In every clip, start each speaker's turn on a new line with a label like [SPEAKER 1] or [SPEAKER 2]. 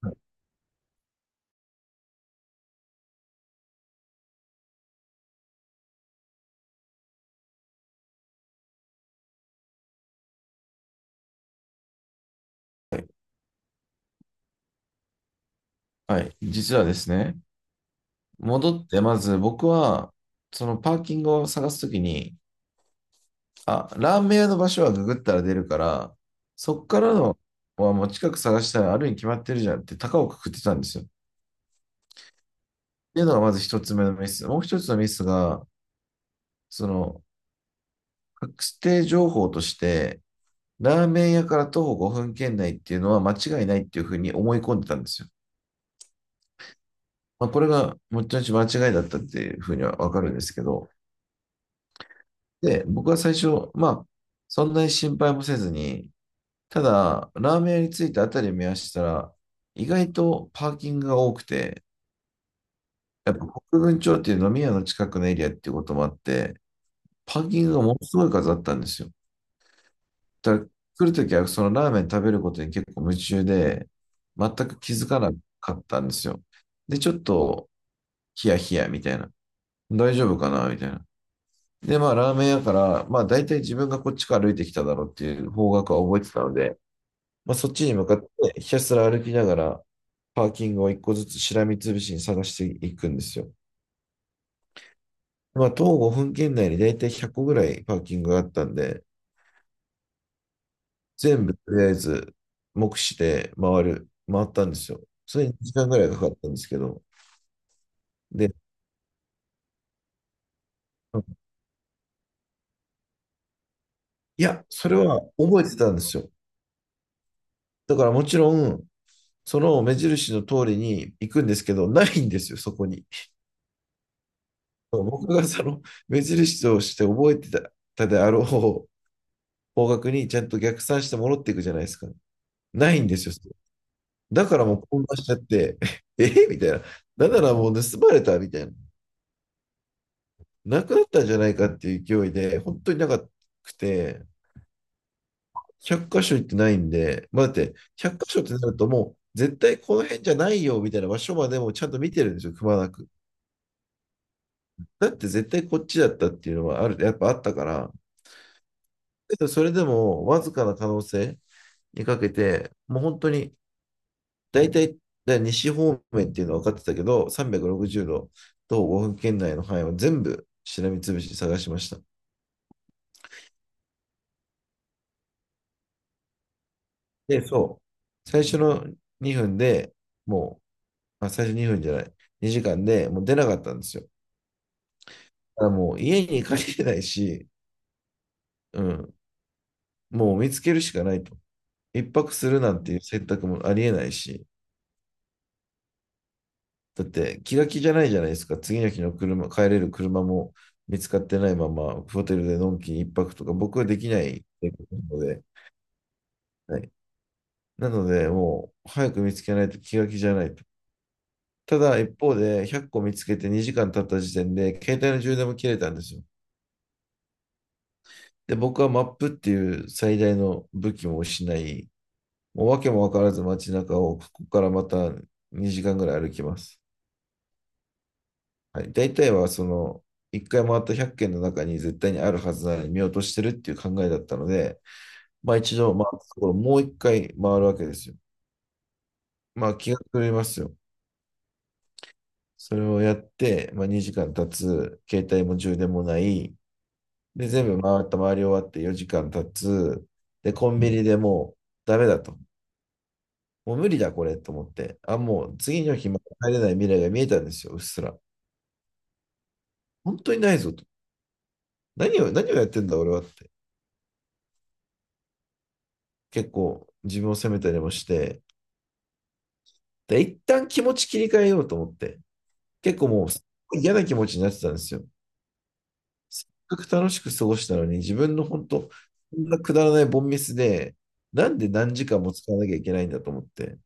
[SPEAKER 1] はいはい、実はですね、戻って、まず僕は、そのパーキングを探すときに、あ、ラーメン屋の場所はググったら出るから、そっからのはもう近く探したらあるに決まってるじゃんって高をくくってたんですよ。っていうのがまず一つ目のミス。もう一つのミスが、その、確定情報として、ラーメン屋から徒歩5分圏内っていうのは間違いないっていうふうに思い込んでたんですよ。まあ、これがもちろん間違いだったっていうふうにはわかるんですけど、で、僕は最初、まあ、そんなに心配もせずに、ただ、ラーメン屋に着いたあたりを見合したら、意外とパーキングが多くて、やっぱ国分町っていう飲み屋の近くのエリアっていうこともあって、パーキングがものすごい数あったんですよ。だから来るときはそのラーメン食べることに結構夢中で、全く気づかなかったんですよ。で、ちょっとヒヤヒヤみたいな。大丈夫かなみたいな。で、まあラーメン屋から、まあ大体自分がこっちから歩いてきただろうっていう方角は覚えてたので、まあそっちに向かってひたすら歩きながら、パーキングを一個ずつしらみつぶしに探していくんですよ。まあ、徒歩5分圏内に大体100個ぐらいパーキングがあったんで、全部とりあえず目視で回ったんですよ。それに2時間ぐらいかかったんですけど、で、いや、それは覚えてたんですよ。だからもちろん、その目印の通りに行くんですけど、ないんですよ、そこに。僕がその目印として覚えてたたであろう方角にちゃんと逆算して戻っていくじゃないですか。ないんですよ。だからもう混乱しちゃって、えみたいな。何ならもう盗まれたみたいな。なくなったんじゃないかっていう勢いで、本当になかくて、100箇所行ってないんで、まあ、だって、100箇所ってなるともう、絶対この辺じゃないよみたいな場所までもちゃんと見てるんですよ、くまなく。だって絶対こっちだったっていうのはある、やっぱあったから、けどそれでもわずかな可能性にかけて、もう本当に大体、だ西方面っていうのは分かってたけど、360度、と5分圏内の範囲を全部しらみつぶしに探しました。で、そう、最初の2分でもうまあ、最初2分じゃない。2時間でもう出なかったんですよ。だからもう家に帰れないし、うん、もう見つけるしかないと。一泊するなんていう選択もありえないし、だって気が気じゃないじゃないですか。次の日の車、帰れる車も見つかってないまま、ホテルでのんきに一泊とか、僕はできないので、はい。なので、もう早く見つけないと気が気じゃないと。ただ一方で100個見つけて2時間経った時点で携帯の充電も切れたんですよ。で、僕はマップっていう最大の武器も失い、もう訳も分からず街中をここからまた2時間ぐらい歩きます。はい、大体はその1回回った100軒の中に絶対にあるはずなのに見落としてるっていう考えだったので、まあ一度回ったところもう1回回るわけですよ。まあ気が狂いますよ。それをやって、まあ、2時間経つ、携帯も充電もない、で、全部回った、回り終わって4時間経つ、で、コンビニでもうダメだと。もう無理だ、これと思って。あ、もう次の日も帰れない未来が見えたんですよ、うっすら。本当にないぞと。何をやってんだ、俺はって。結構自分を責めたりもして。で、一旦気持ち切り替えようと思って。結構もうすごい嫌な気持ちになってたんですよ。せっかく楽しく過ごしたのに、自分の本当、こんなくだらないボンミスで、なんで何時間も使わなきゃいけないんだと思って。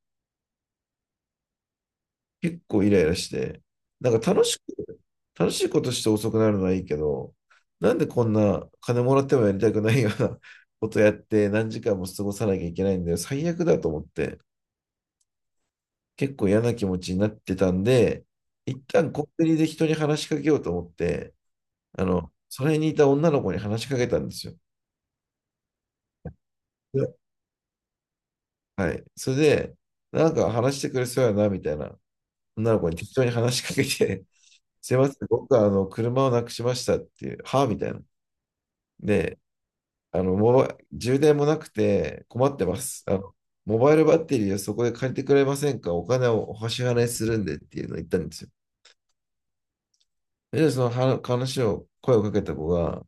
[SPEAKER 1] 結構イライラして、なんか楽しいことして遅くなるのはいいけど、なんでこんな金もらってもやりたくないような ことやって何時間も過ごさなきゃいけないんだよ。最悪だと思って、結構嫌な気持ちになってたんで、一旦コンビニで人に話しかけようと思って、その辺にいた女の子に話しかけたんですよ。ではい。それで、なんか話してくれそうやな、みたいな。女の子に適当に話しかけて、すいません、僕はあの、車をなくしましたっていう、はあみたいな。で、充電もなくて困ってます。モバイルバッテリーをそこで借りてくれませんかお金をお支払いするんでっていうのを言ったんですよ。で、そのは話を、声をかけた子が、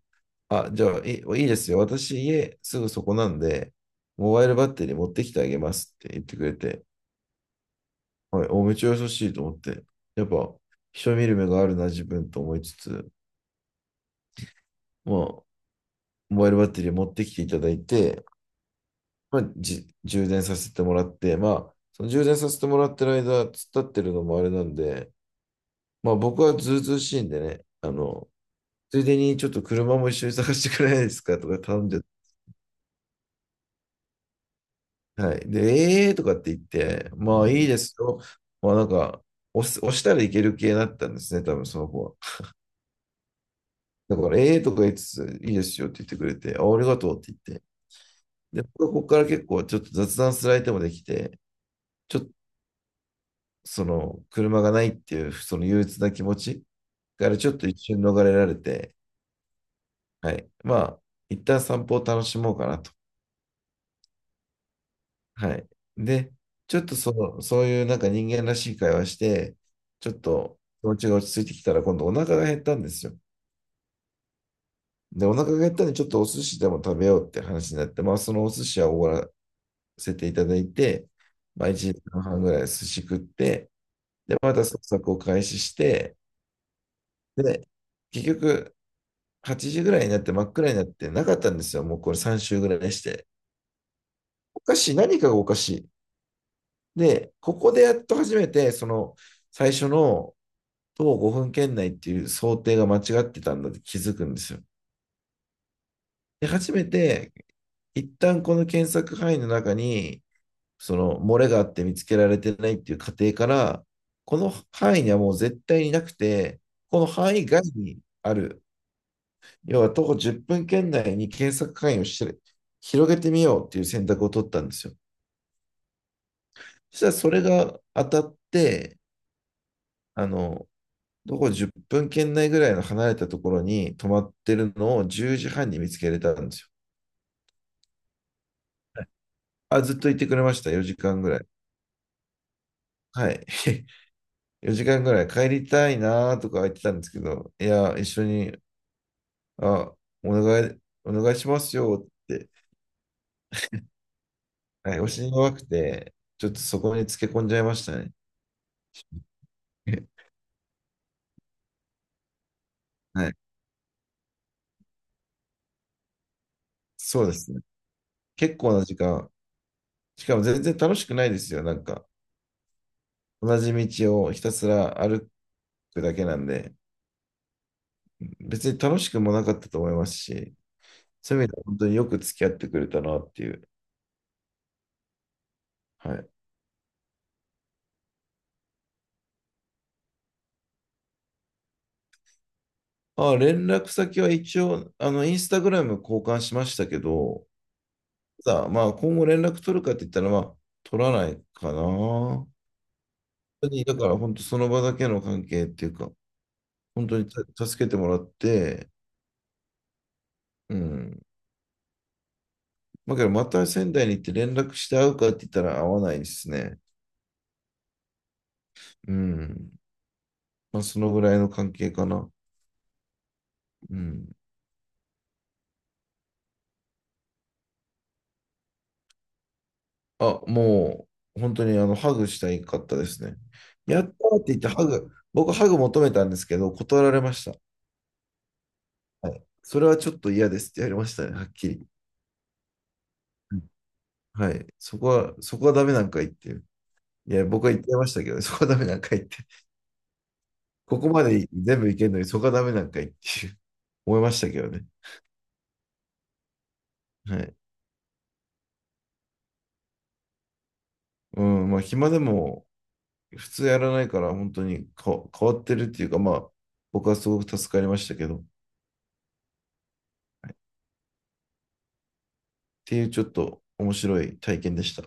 [SPEAKER 1] あ、じゃあ、いいですよ。私、家すぐそこなんで、モバイルバッテリー持ってきてあげますって言ってくれて、はい、めっちゃ優しいと思って、やっぱ、人見る目があるな、自分と思いつつ、まあ、モバイルバッテリー持ってきていただいて、まあ、充電させてもらって、まあ、その充電させてもらってる間、突っ立ってるのもあれなんで、まあ僕はずうずうしいんでね、ついでにちょっと車も一緒に探してくれないですかとか頼んではい。で、ええーとかって言って、まあいいですよ。まあなんか、押したらいける系だったんですね、多分その子は。だから、ええーとか言いつつ、いいですよって言ってくれて、あ、ありがとうって言って。で、僕はここから結構ちょっと雑談する相手もできて、ちょっとその車がないっていうその憂鬱な気持ちからちょっと一瞬逃れられて、はい。まあ、一旦散歩を楽しもうかなと。はい。で、ちょっとそういうなんか人間らしい会話して、ちょっと気持ちが落ち着いてきたら今度お腹が減ったんですよ。で、お腹が減ったんでちょっとお寿司でも食べようって話になって、まあそのお寿司はおごらせていただいて、まあ1時間半ぐらい寿司食って、で、また捜索を開始して、で、結局8時ぐらいになって真っ暗になってなかったんですよ。もうこれ3週ぐらいして。おかしい、何かがおかしい。で、ここでやっと初めて、最初の徒歩5分圏内っていう想定が間違ってたんだって気づくんですよ。で、初めて、一旦この検索範囲の中に、その漏れがあって見つけられてないっていう過程から、この範囲にはもう絶対になくて、この範囲外にある、要は徒歩10分圏内に検索範囲をして広げてみようっていう選択を取ったんですよ。そしたらそれが当たって、あの、どこ10分圏内ぐらいの離れたところに泊まってるのを10時半に見つけれたんですよ。あ、ずっといてくれました、4時間ぐらい。はい。4時間ぐらい帰りたいなーとか言ってたんですけど、いや、一緒に、あ、お願い、お願いしますよって、はい、お尻が弱くて、ちょっとそこにつけ込んじゃいましたね。はい。そうですね。結構な時間。しかも全然楽しくないですよ。なんか、同じ道をひたすら歩くだけなんで、別に楽しくもなかったと思いますし、そういう意味では本当によく付き合ってくれたなっていう。はい。あ、連絡先は一応、インスタグラム交換しましたけど、ただ、まあ、今後連絡取るかって言ったら、まあ、取らないかな。本当に、だから本当その場だけの関係っていうか、本当に助けてもらって、うん。まあ、けど、また仙台に行って連絡して会うかって言ったら会わないですね。うん。まあ、そのぐらいの関係かな。うん。あ、もう、本当にハグしたいかったですね。やったーって言って僕ハグ求めたんですけど、断られました。はい。それはちょっと嫌ですって言われましたね、はっきり。うんはい。そこはダメなんか言っていう。いや、僕は言ってましたけどね そこはダメなんか言って。ここまで全部いけるのに、そこはダメなんか言っていう 思いましたけどね。はい。うん、まあ、暇でも、普通やらないから、本当に変わってるっていうか、まあ、僕はすごく助かりましたけど、っていうちょっと面白い体験でした。